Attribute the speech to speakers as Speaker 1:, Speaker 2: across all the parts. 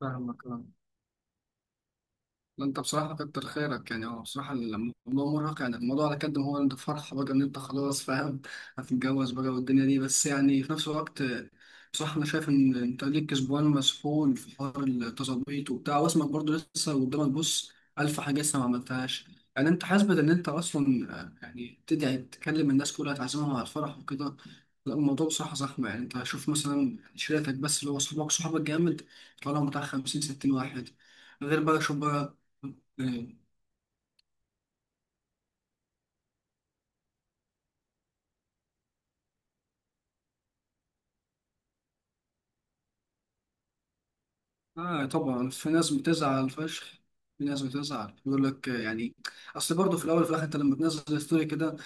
Speaker 1: فاهمك اه. لا، انت بصراحة كتر خيرك. يعني هو بصراحة الموضوع مرهق. يعني الموضوع على قد ما هو، انت فرحة بقى ان انت خلاص فاهم، هتتجوز بقى والدنيا دي. بس يعني في نفس الوقت بصراحة انا شايف ان انت ليك اسبوعين مسحول في حوار التظبيط وبتاع، واسمك برضه لسه قدامك. بص، الف حاجة لسه ما عملتهاش. يعني انت حاسبة ان انت اصلا يعني تدعي تكلم الناس كلها تعزمهم على الفرح وكده. لا، الموضوع بصراحة زحمة. يعني انت شوف مثلا شريتك بس، اللي هو صحابك صحابك جامد. طالعوا بتاع 50 60 واحد. غير بقى شوف بقى. إيه. آه طبعا في ناس بتزعل فشخ. في ناس بتزعل يقول لك يعني اصل برضه في الاول وفي الاخر انت لما تنزل ستوري كده،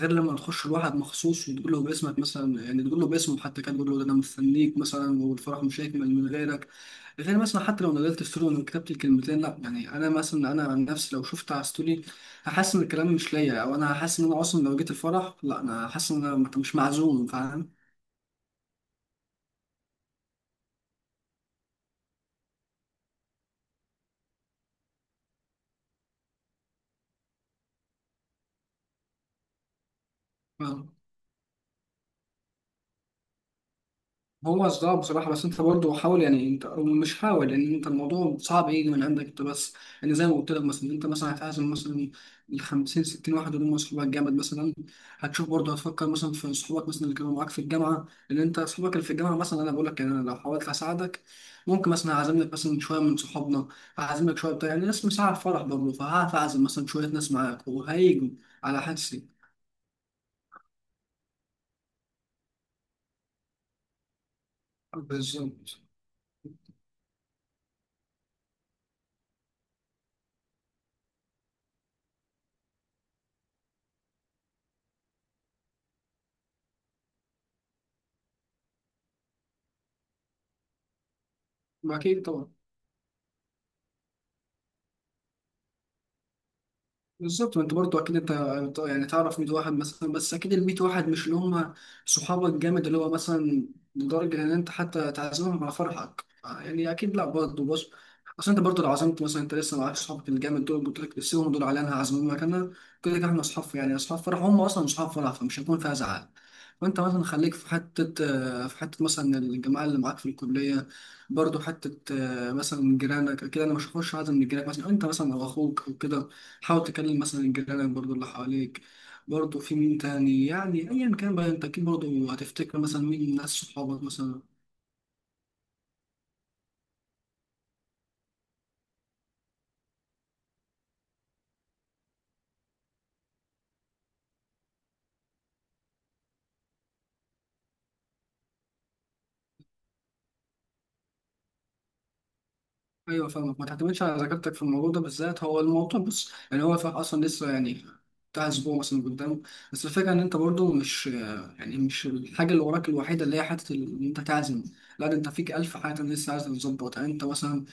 Speaker 1: غير لما تخش لواحد مخصوص وتقول له باسمك مثلا، يعني تقول له باسمه حتى، كان تقول له ده انا مستنيك مثلا، والفرح مش هيكمل من غيرك. غير مثلا حتى لو نزلت ستوري وكتبت الكلمتين، لا يعني انا مثلا، انا عن نفسي لو شفت على ستوري هحس ان الكلام مش ليا، او انا هحس ان انا اصلا لو جيت الفرح، لا انا هحس ان انا مش معزوم، فاهم؟ هو صعب بصراحة، بس أنت برضه حاول. يعني أنت، أو مش حاول، لأن أنت الموضوع صعب يجي من عندك أنت بس. يعني زي ما قلت لك مثلا، أنت مثلا هتعزم مثلا ال 50 60 واحد اللي هم صحابك جامد مثلا. هتشوف برضه، هتفكر مثلا في صحابك مثلا اللي كانوا معاك في الجامعة. لأن أنت صحابك اللي في الجامعة مثلا، أنا بقول لك يعني، أنا لو حاولت أساعدك ممكن مثلا أعزم لك مثلا شوية من صحابنا، أعزم لك شوية بتاع، يعني ناس مساعد فرح برضه، فهعرف أعزم مثلا شوية ناس معاك وهيجوا. على حدسي. بالظبط. أكيد طبعا. بالظبط. وانت برضه اكيد انت يعني تعرف 100 واحد مثلا، بس اكيد ال 100 واحد مش اللي هم صحابك جامد اللي هو مثلا، لدرجه ان انت حتى تعزمهم على فرحك. يعني اكيد لا، برضه بص، اصل انت برضه لو عزمت مثلا، انت لسه معاك صحابك الجامد دول، قلت لك سيبهم دول على انا هعزمهم مكاننا. كده كده احنا اصحاب، يعني اصحاب فرح هم اصلا، اصحاب فرح فمش هيكون فيها زعل. وانت مثلا خليك في حته، في حته مثلا الجماعه اللي معاك في الكليه. برضه حته مثلا جيرانك كده. انا مش هخش اعزم من جيرانك مثلا، انت مثلا او اخوك او كده. حاول تكلم مثلا الجيران برضو اللي حواليك، برضو في مين تاني، يعني ايا كان بقى، انت اكيد برضو هتفتكر مثلا مين ناس صحابك مثلا. ايوه فاهمك، ما تعتمدش على ذاكرتك في الموضوع ده بالذات. هو الموضوع بص، يعني هو فاهم اصلا لسه، يعني بتاع اسبوع مثلا قدام. بس الفكره ان انت برضو مش، يعني مش الحاجه اللي وراك الوحيده اللي هي حته ان انت تعزم. لا، ده انت فيك الف حاجه لسه عايز تظبطها انت مثلا.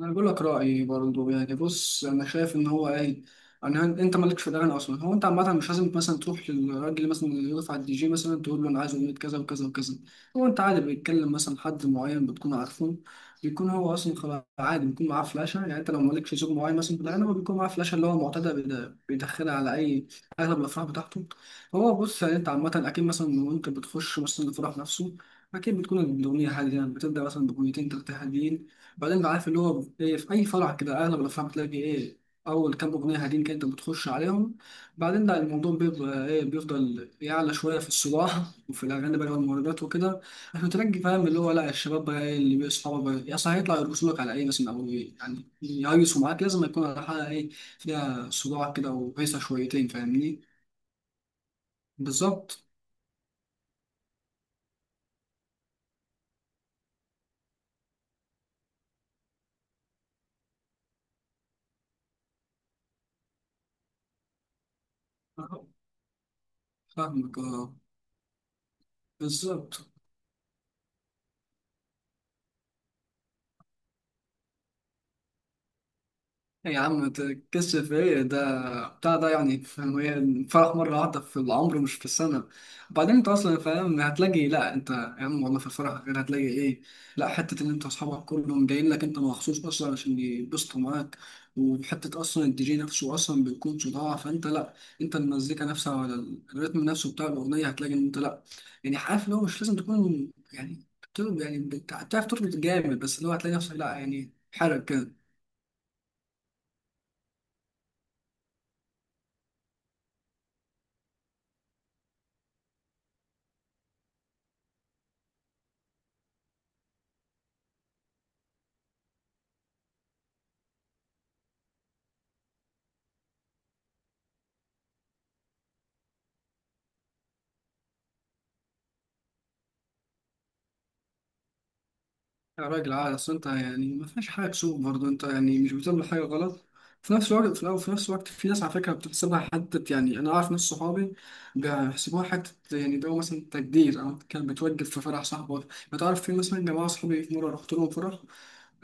Speaker 1: انا بقول لك رايي برضه، يعني بص انا شايف ان هو ايه، انت مالكش في الاغاني اصلا. هو انت عامه مش لازم مثلا تروح للراجل مثلا اللي يقف على الدي جي مثلا تقول له انا عايز اغنيه كذا وكذا وكذا. هو انت عادي، بيتكلم مثلا حد معين بتكون عارفه، بيكون هو اصلا خلاص عادي، بيكون معاه فلاشه. يعني انت لو مالكش ذوق معين مثلا في الاغاني، هو بيكون معاه فلاشه اللي هو معتاد بيدخلها على اي اغلب الافراح بتاعته. هو بص، يعني انت عامه اكيد مثلا وانت بتخش مثلا الفرح نفسه، أكيد بتكون الأغنية هادية، يعني بتبدأ مثلا بأغنيتين تلاتة هاديين. بعدين بقى عارف اللي هو إيه، في أي فرع كده أغلب الأفراح بتلاقي إيه أول كام أغنية هادين كده أنت بتخش عليهم. بعدين لا، الموضوع بيبقى إيه، بيفضل يعلى شوية في الصباح وفي الأغاني بقى والمهرجانات وكده. عشان ترجي فاهم اللي هو لا، الشباب بقى إيه اللي بيصحوا بقى يا صاحبي يطلع يرقصوا لك على إيه مثلا، أو إيه يعني يهيصوا معاك، لازم يكون على حاجة إيه فيها صداع كده وهيصة شويتين، فاهمني؟ بالظبط. أه، فاهمك. أه بالظبط. يا عم تكسف ايه؟ ده بتاع ده يعني فاهم ايه؟ الفرح مرة واحدة في العمر مش في السنة. وبعدين انت اصلا فاهم هتلاقي لا، انت يا عم والله في الفرح غير هتلاقي ايه، لا حتة ان انت اصحابك كلهم جايين لك انت مخصوص اصلا عشان يبسطوا معاك. وحتة اصلا الدي جي نفسه اصلا بيكون صداع، فانت لا انت المزيكا نفسها ولا الريتم نفسه بتاع الاغنية هتلاقي ان انت لا، يعني عارف اللي هو مش لازم تكون يعني يعني بتعرف تربط جامد، بس اللي هو هتلاقي نفسك لا، يعني حرك كده. يا راجل عادي، اصل انت يعني ما فيهاش حاجه تسوق برضه، انت يعني مش بتعمل حاجه غلط. في نفس الوقت في نفس الوقت في ناس على فكره بتحسبها حته. يعني انا اعرف ناس صحابي بيحسبوها حته، يعني ده هو مثلا تقدير، او كان بتوجب في فرح صاحبه. ما تعرف، في مثلا جماعه صحابي في مره رحت لهم فرح،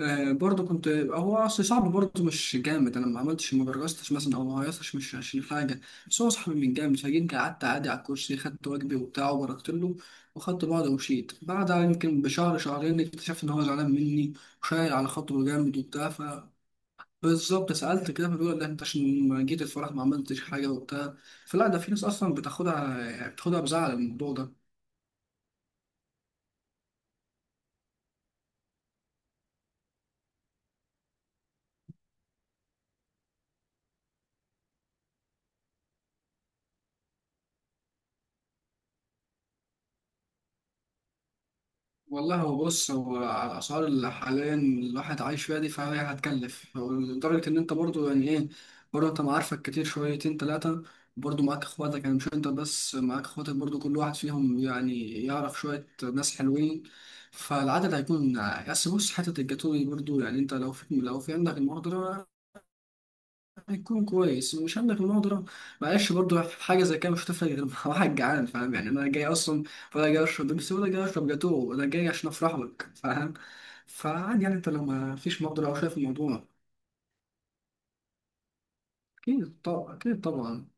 Speaker 1: برضه كنت هو اصل صعب برضه مش جامد. انا ما عملتش ما برجستش مثلا او ما هيصش، مش عشان حاجه، بس هو صاحبي من جامد. فجيت قعدت عادي على الكرسي، خدت واجبي وبتاع وبركت له وخدت بعضه ومشيت. بعدها يمكن بشهر شهرين اكتشفت ان هو زعلان مني وشايل على خاطره جامد وبتاع. ف بالظبط سألت كده، فبيقول لا انت عشان ما جيت الفرح ما عملتش حاجه وبتاع. فلا ده في ناس اصلا بتاخدها، يعني بتاخدها بزعل الموضوع ده. والله هو بص، هو على الأسعار اللي حاليا الواحد عايش فيها دي، فهي هتكلف. هو لدرجة إن أنت برضو يعني إيه، برضو أنت معارفك كتير شويتين تلاتة، برضو معاك إخواتك، يعني مش أنت بس، معاك إخواتك برضو كل واحد فيهم يعني يعرف شوية ناس حلوين، فالعدد هيكون. بس بص، حتة الجاتوه دي برضو، يعني أنت لو في، لو في عندك المقدرة هيكون كويس، ومش عندك المقدرة معلش. برضو في حاجة زي كده مش هتفرق، غير مع واحد جعان، فاهم؟ يعني أنا جاي أصلا ولا جاي أشرب بيبسي، ولا جاي أشرب جاتوه؟ أنا جاي عشان أفرح لك، فاهم؟ فعادي يعني أنت لو ما فيش مقدرة أو شايف الموضوع. أكيد طبعا، أكيد طبعا.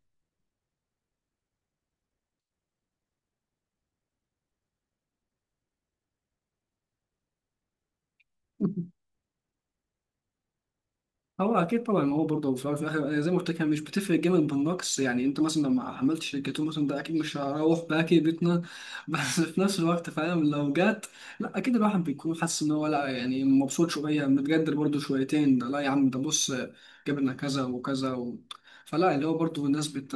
Speaker 1: هو اكيد طبعا، ما هو برضه في الأول وفي الاخر، أنا زي ما قلت لك هي مش بتفرق جامد بالنقص. يعني انت مثلا لما عملت شركتين مثلا، ده اكيد مش هروح باكي بيتنا. بس في نفس الوقت فاهم لو جت، لا اكيد الواحد بيكون حاسس ان هو لا، يعني مبسوط شويه، متقدر برضه شويتين. ده لا يا عم، ده بص جبنا كذا وكذا و. فلا اللي هو برضه الناس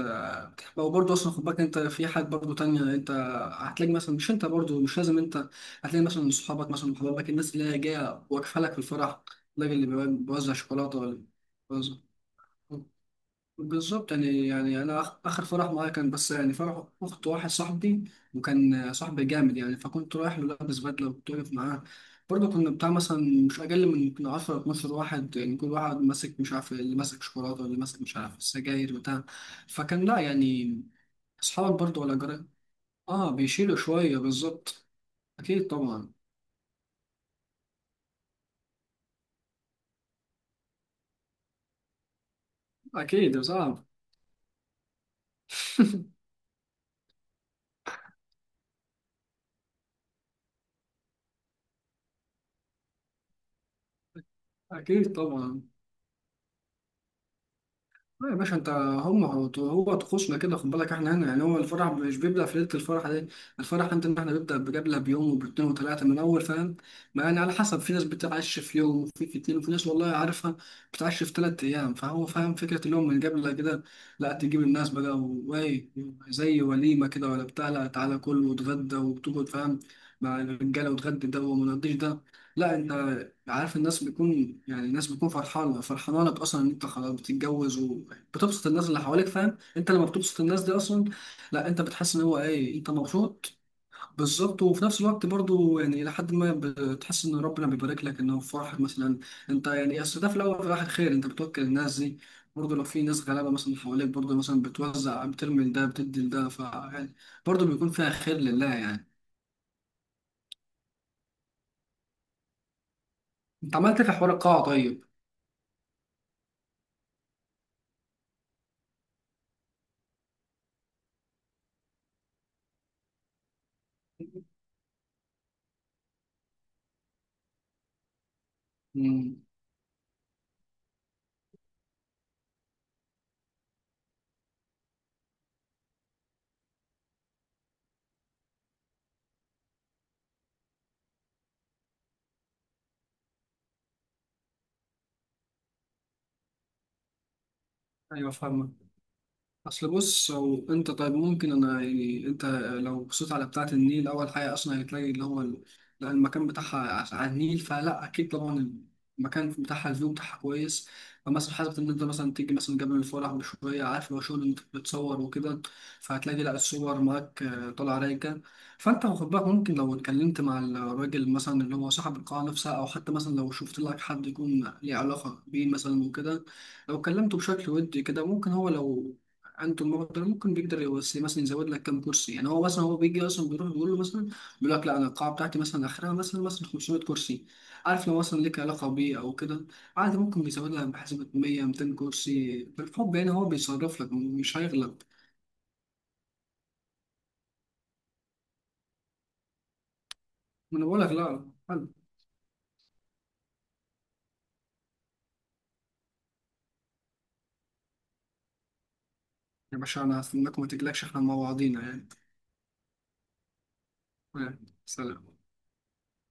Speaker 1: هو برضه اصلا خد بالك انت في حاجات برضه تانية. انت هتلاقي مثلا مش انت برضه، مش لازم انت هتلاقي مثلا صحابك مثلا وحبايبك الناس اللي هي جايه واقفه لك في الفرح، الراجل اللي بيوزع شوكولاته ولا بيوزع. بالظبط يعني، يعني انا اخر فرح معايا كان بس يعني فرح اخت واحد صاحبي، وكان صاحبي جامد. يعني فكنت رايح له لابس بدله وكنت واقف معاه. برضه كنا بتاع مثلا مش اقل من يمكن 10 12 واحد. يعني كل واحد ماسك، مش عارف اللي ماسك شوكولاته واللي ماسك مش عارف سجاير بتاع. فكان لا يعني، اصحابك برضه ولا جرى. اه بيشيلوا شويه، بالظبط. اكيد طبعا. اكيد صعب. اكيد طبعا. لا يا باشا انت، هم هو طقوسنا كده. خد بالك احنا هنا يعني هو الفرح مش بيبدأ في ليلة الفرح دي. الفرح انت ان احنا بيبدأ بجبلة بيوم وباتنين وتلاتة من اول، فاهم؟ ما يعني على حسب، في ناس بتعش في يوم، وفي اتنين، وفي ناس والله عارفها بتعش في تلات ايام. فهو فاهم فكرة اليوم من جبلة كده، لا تجيب الناس بقى. وايه؟ زي وليمة كده ولا بتاع، لا تعالى كل وتغدى وتقعد، فاهم؟ مع الرجالة، وتغدي ده وما نقضيش ده. لا، انت عارف الناس بيكون يعني، الناس بتكون فرحانة فرحانة لك أصلا إن أنت خلاص بتتجوز. بتبسط الناس اللي حواليك، فاهم؟ انت لما بتبسط الناس دي اصلا، لا انت بتحس ان هو ايه، انت مبسوط. بالظبط. وفي نفس الوقت برضو يعني لحد ما بتحس ان ربنا بيبارك لك انه في فرحك مثلا انت، يعني اصل ده في الاول وفي الاخر خير، انت بتوكل الناس دي. برضه لو في ناس غلابه مثلا حواليك، برضه مثلا بتوزع بترمي لده بتدي لده، ف يعني برضه بيكون فيها خير لله يعني. انت عملت إيه في حوار القاعه طيب؟ امم. ايوه فاهمك. اصل بص، او انت طيب ممكن انا يعني انت لو بصيت على بتاعة النيل، اول حاجة اصلا هتلاقي اللي هو لا المكان بتاعها على النيل، فلا اكيد طبعا المكان بتاعها الفيو بتاعها كويس. فمثلا حاجة ان انت مثلا تيجي مثلا جبل الفرح بشوية، عارف لو شغل انت بتصور وكده فهتلاقي لا الصور معاك طالعة رايقة. فانت واخد بالك، ممكن لو اتكلمت مع الراجل مثلا اللي هو صاحب القاعة نفسها، او حتى مثلا لو شفت لك حد يكون ليه علاقة بيه مثلا وكده، لو كلمته بشكل ودي كده ممكن هو، لو عنده المبلغ ده ممكن بيقدر يوصي مثلا يزود لك كام كرسي. يعني هو مثلا هو بيجي اصلا، بيروح بيقول له مثلا، بيقول لك لا انا القاعه بتاعتي مثلا اخرها مثلا 500 كرسي. عارف لو مثلا ليك علاقه بيه او كده، عادي ممكن بيزود لك، بحسبه 100 200 كرسي بالحب. يعني هو بيصرف لك مش هيغلب. ما انا بقول لك لا حلو. يا باشا انا هستناك وما تجلكش، احنا مع بعضينا يعني. سلام.